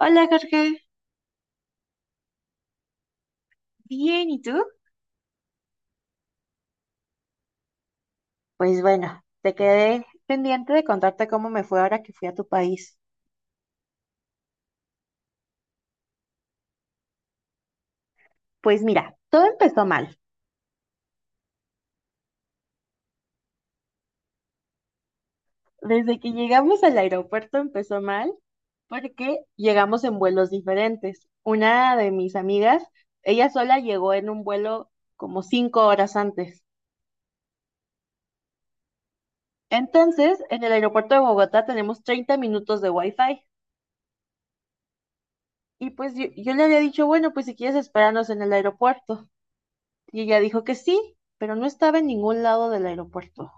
Hola Jorge, bien, ¿y tú? Pues bueno, te quedé pendiente de contarte cómo me fue ahora que fui a tu país. Pues mira, todo empezó mal. Desde que llegamos al aeropuerto empezó mal porque llegamos en vuelos diferentes. Una de mis amigas, ella sola llegó en un vuelo como 5 horas antes. Entonces, en el aeropuerto de Bogotá tenemos 30 minutos de wifi. Y pues yo le había dicho, bueno, pues si quieres esperarnos en el aeropuerto. Y ella dijo que sí, pero no estaba en ningún lado del aeropuerto.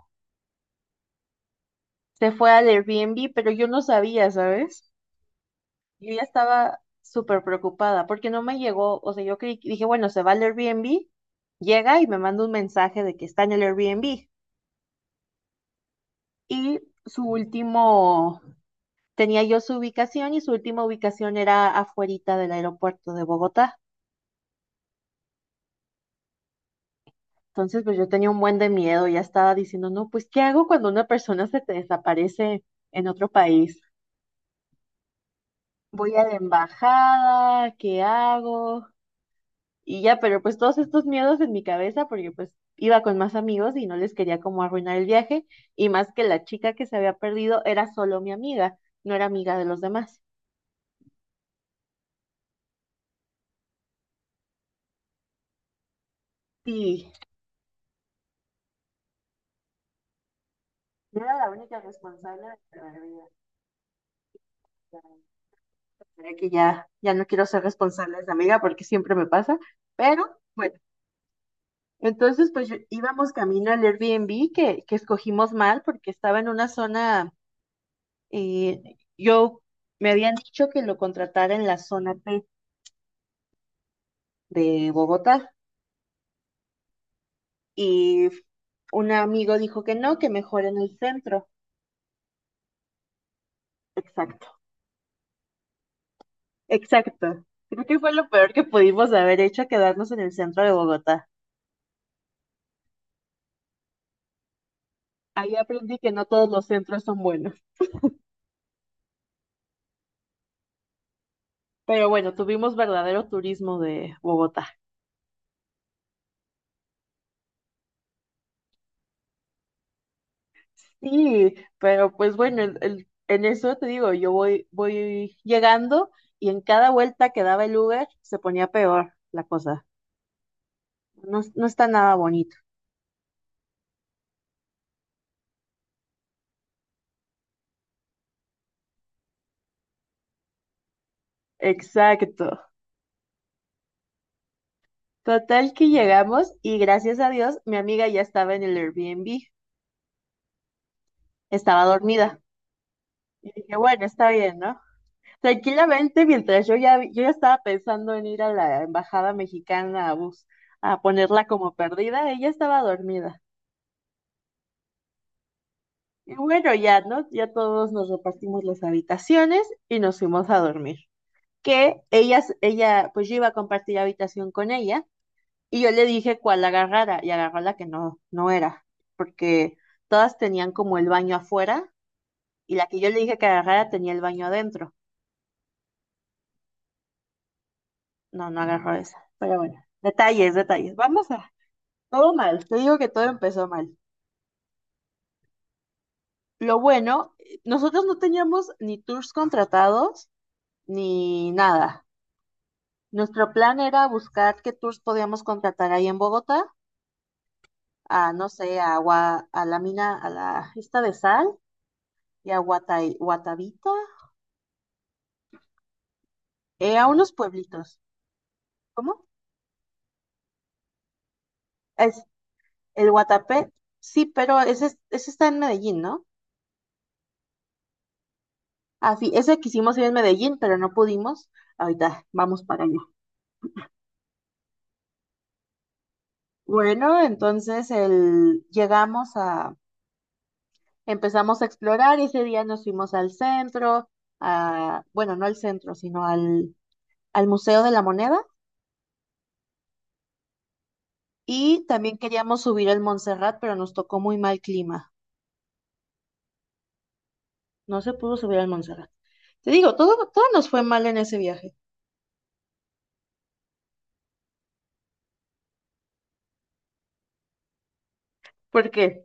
Se fue al Airbnb, pero yo no sabía, ¿sabes? Yo ya estaba súper preocupada porque no me llegó, o sea, dije, bueno, se va al Airbnb, llega y me manda un mensaje de que está en el Airbnb. Y su último, tenía yo su ubicación y su última ubicación era afuerita del aeropuerto de Bogotá. Entonces, pues yo tenía un buen de miedo, ya estaba diciendo, no, pues, ¿qué hago cuando una persona se te desaparece en otro país? Voy a la embajada, ¿qué hago? Y ya, pero pues todos estos miedos en mi cabeza, porque pues iba con más amigos y no les quería como arruinar el viaje, y más que la chica que se había perdido era solo mi amiga, no era amiga de los demás. Sí, yo era la única responsable de mi pérdida. Ya, creo que ya, ya no quiero ser responsable de esa amiga porque siempre me pasa, pero bueno, entonces íbamos camino al Airbnb que escogimos mal porque estaba en una zona. Y yo me habían dicho que lo contratara en la zona P de Bogotá y un amigo dijo que no, que mejor en el centro. Exacto, exacto. Creo que fue lo peor que pudimos haber hecho, quedarnos en el centro de Bogotá. Ahí aprendí que no todos los centros son buenos. Pero bueno, tuvimos verdadero turismo de Bogotá. Sí, pero pues bueno, en eso te digo, yo voy llegando y en cada vuelta que daba el Uber se ponía peor la cosa. No, no está nada bonito. Exacto. Total que llegamos y gracias a Dios mi amiga ya estaba en el Airbnb, estaba dormida. Y dije, bueno, está bien, ¿no? Tranquilamente, mientras yo ya estaba pensando en ir a la embajada mexicana a ponerla como perdida, ella estaba dormida. Y bueno, ya, ¿no? Ya todos nos repartimos las habitaciones y nos fuimos a dormir. Que pues yo iba a compartir habitación con ella. Y yo le dije cuál agarrara y agarró la que no era, porque todas tenían como el baño afuera y la que yo le dije que agarrara tenía el baño adentro. No, no agarró esa. Pero bueno, detalles, detalles. Vamos a... Todo mal, te digo que todo empezó mal. Lo bueno, nosotros no teníamos ni tours contratados ni nada. Nuestro plan era buscar qué tours podíamos contratar ahí en Bogotá, a no sé, a la mina, a la esta de sal y a Guatavita, a unos pueblitos. ¿Cómo? Es el Guatapé. Sí, pero ese, ese está en Medellín, ¿no? Ah, sí, ese quisimos ir en Medellín, pero no pudimos. Ahorita vamos para allá. Bueno, entonces llegamos a, empezamos a explorar. Y ese día nos fuimos al centro, a, bueno, no al centro, sino al Museo de la Moneda. Y también queríamos subir al Montserrat, pero nos tocó muy mal clima. No se pudo subir al Montserrat. Te digo, todo, todo nos fue mal en ese viaje. ¿Por qué?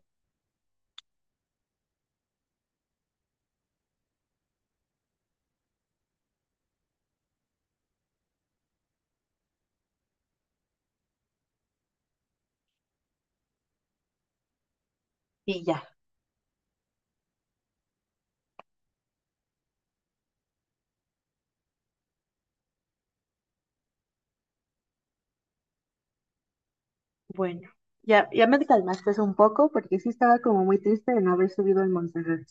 Y ya, bueno, ya me calmaste un poco porque sí estaba como muy triste de no haber subido al Montserrat.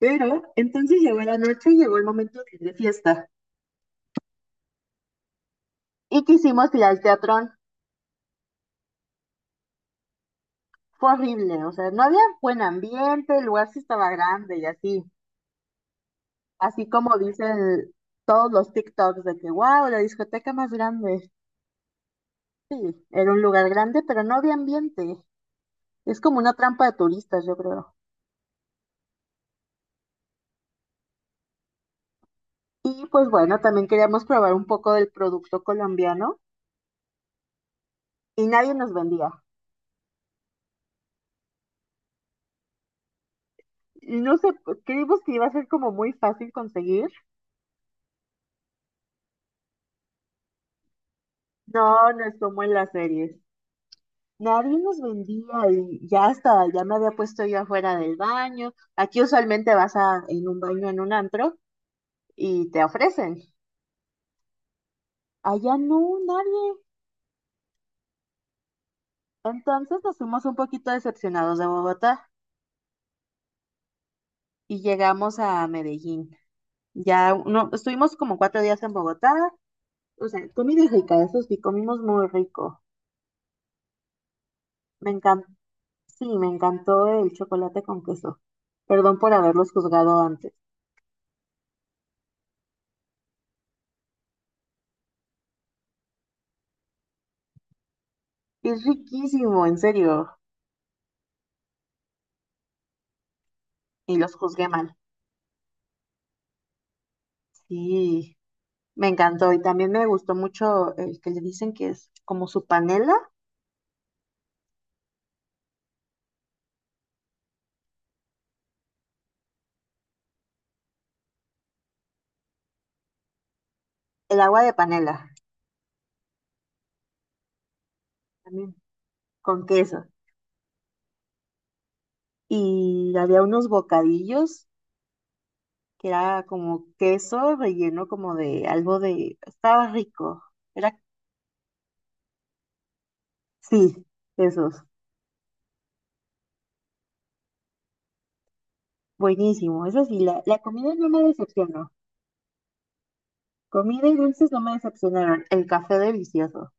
Pero entonces llegó la noche y llegó el momento de ir de fiesta. Y quisimos ir al teatrón. Fue horrible, o sea, no había buen ambiente, el lugar sí estaba grande y así. Así como dicen todos los TikToks de que, wow, la discoteca más grande. Sí, era un lugar grande, pero no había ambiente. Es como una trampa de turistas, yo creo. Y pues bueno, también queríamos probar un poco del producto colombiano y nadie nos vendía. Y no sé, pues, creímos que iba a ser como muy fácil conseguir. No, no es como en las series. Nadie nos vendía y ya hasta, ya me había puesto yo afuera del baño. Aquí usualmente vas a, en un baño, en un antro y te ofrecen. Allá no, nadie. Entonces nos fuimos un poquito decepcionados de Bogotá y llegamos a Medellín. Ya no, estuvimos como 4 días en Bogotá. O sea, comida rica, eso sí, comimos muy rico. Me encantó. Sí, me encantó el chocolate con queso. Perdón por haberlos juzgado antes. Es riquísimo, en serio. Y los juzgué mal. Sí, me encantó. Y también me gustó mucho el que le dicen que es como su panela, el agua de panela, también con queso. Y había unos bocadillos que era como queso relleno como de algo de... Estaba rico. Era... Sí, esos. Buenísimo. Eso sí, la comida no me decepcionó. Comida y dulces no me decepcionaron. El café delicioso.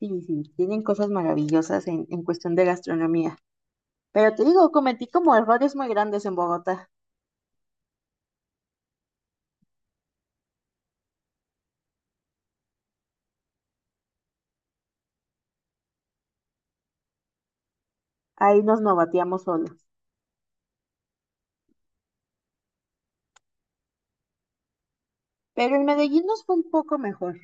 Sí, sí, tienen cosas maravillosas en cuestión de gastronomía. Pero te digo, cometí como errores muy grandes en Bogotá. Ahí nos novateamos solos. Pero en Medellín nos fue un poco mejor.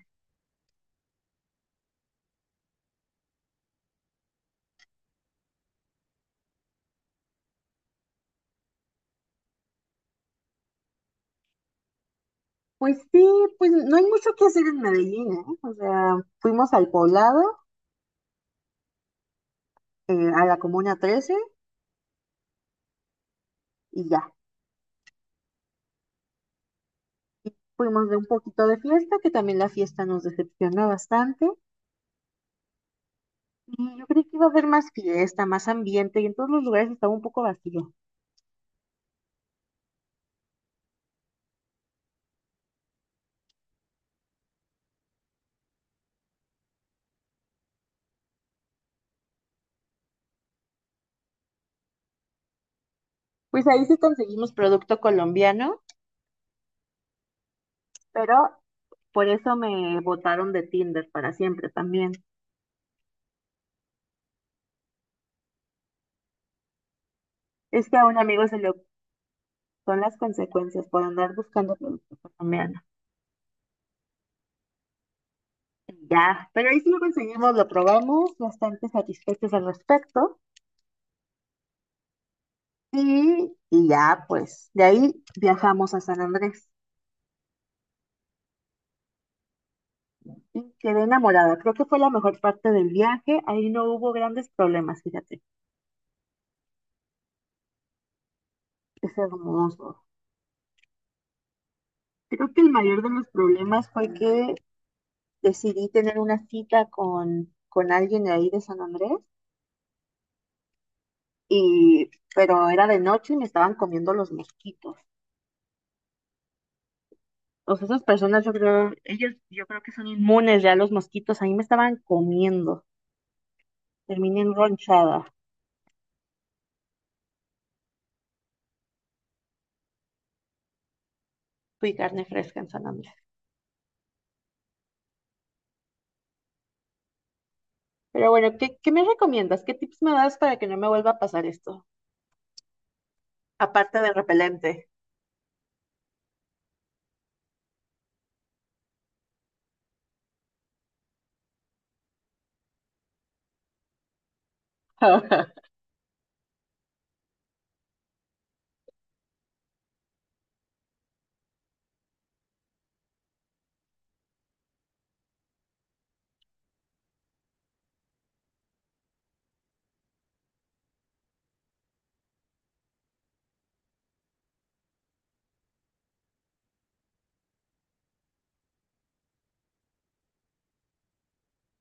Pues sí, pues no hay mucho que hacer en Medellín, ¿eh? O sea, fuimos al poblado, a la Comuna 13 y ya. Y fuimos de un poquito de fiesta, que también la fiesta nos decepcionó bastante. Y yo creí que iba a haber más fiesta, más ambiente, y en todos los lugares estaba un poco vacío. Pues ahí sí conseguimos producto colombiano, pero por eso me botaron de Tinder para siempre también. Es que a un amigo se le oc- son las consecuencias por andar buscando producto colombiano. Y ya, pero ahí sí lo conseguimos, lo probamos, bastante satisfechos al respecto. Y ya, pues, de ahí viajamos a San Andrés. Y quedé enamorada. Creo que fue la mejor parte del viaje. Ahí no hubo grandes problemas, fíjate. Es hermoso. Creo que el mayor de los problemas fue que decidí tener una cita con alguien de ahí de San Andrés, y, pero era de noche y me estaban comiendo los mosquitos. O sea, esas personas, yo creo, ellos, yo creo que son inmunes ya a los mosquitos. A mí me estaban comiendo. Terminé enronchada. Fui carne fresca en San Andrés. Pero bueno, ¿qué me recomiendas? ¿Qué tips me das para que no me vuelva a pasar esto? Aparte del repelente.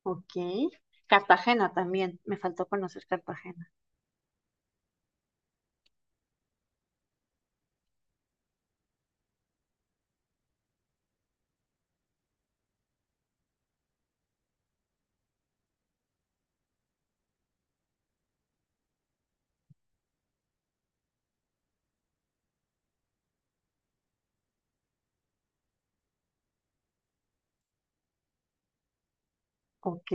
Ok. Cartagena también. Me faltó conocer Cartagena. Ok.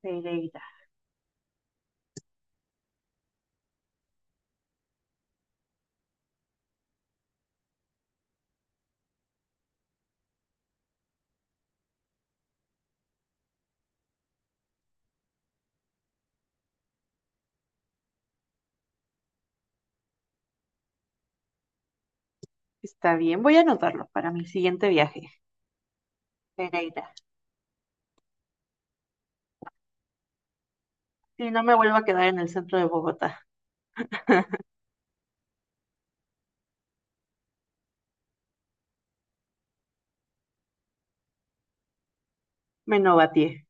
Pereira. Está bien, voy a anotarlo para mi siguiente viaje, Pereira. Si no me vuelvo a quedar en el centro de Bogotá, me novateé.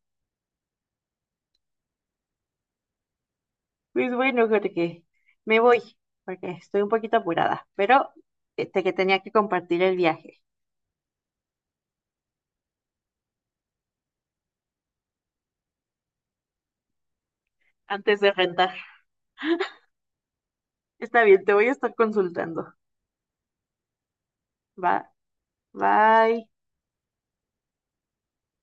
Pues bueno, Jorge, me voy, porque estoy un poquito apurada, pero este que tenía que compartir el viaje antes de rentar. Está bien, te voy a estar consultando. Va, bye.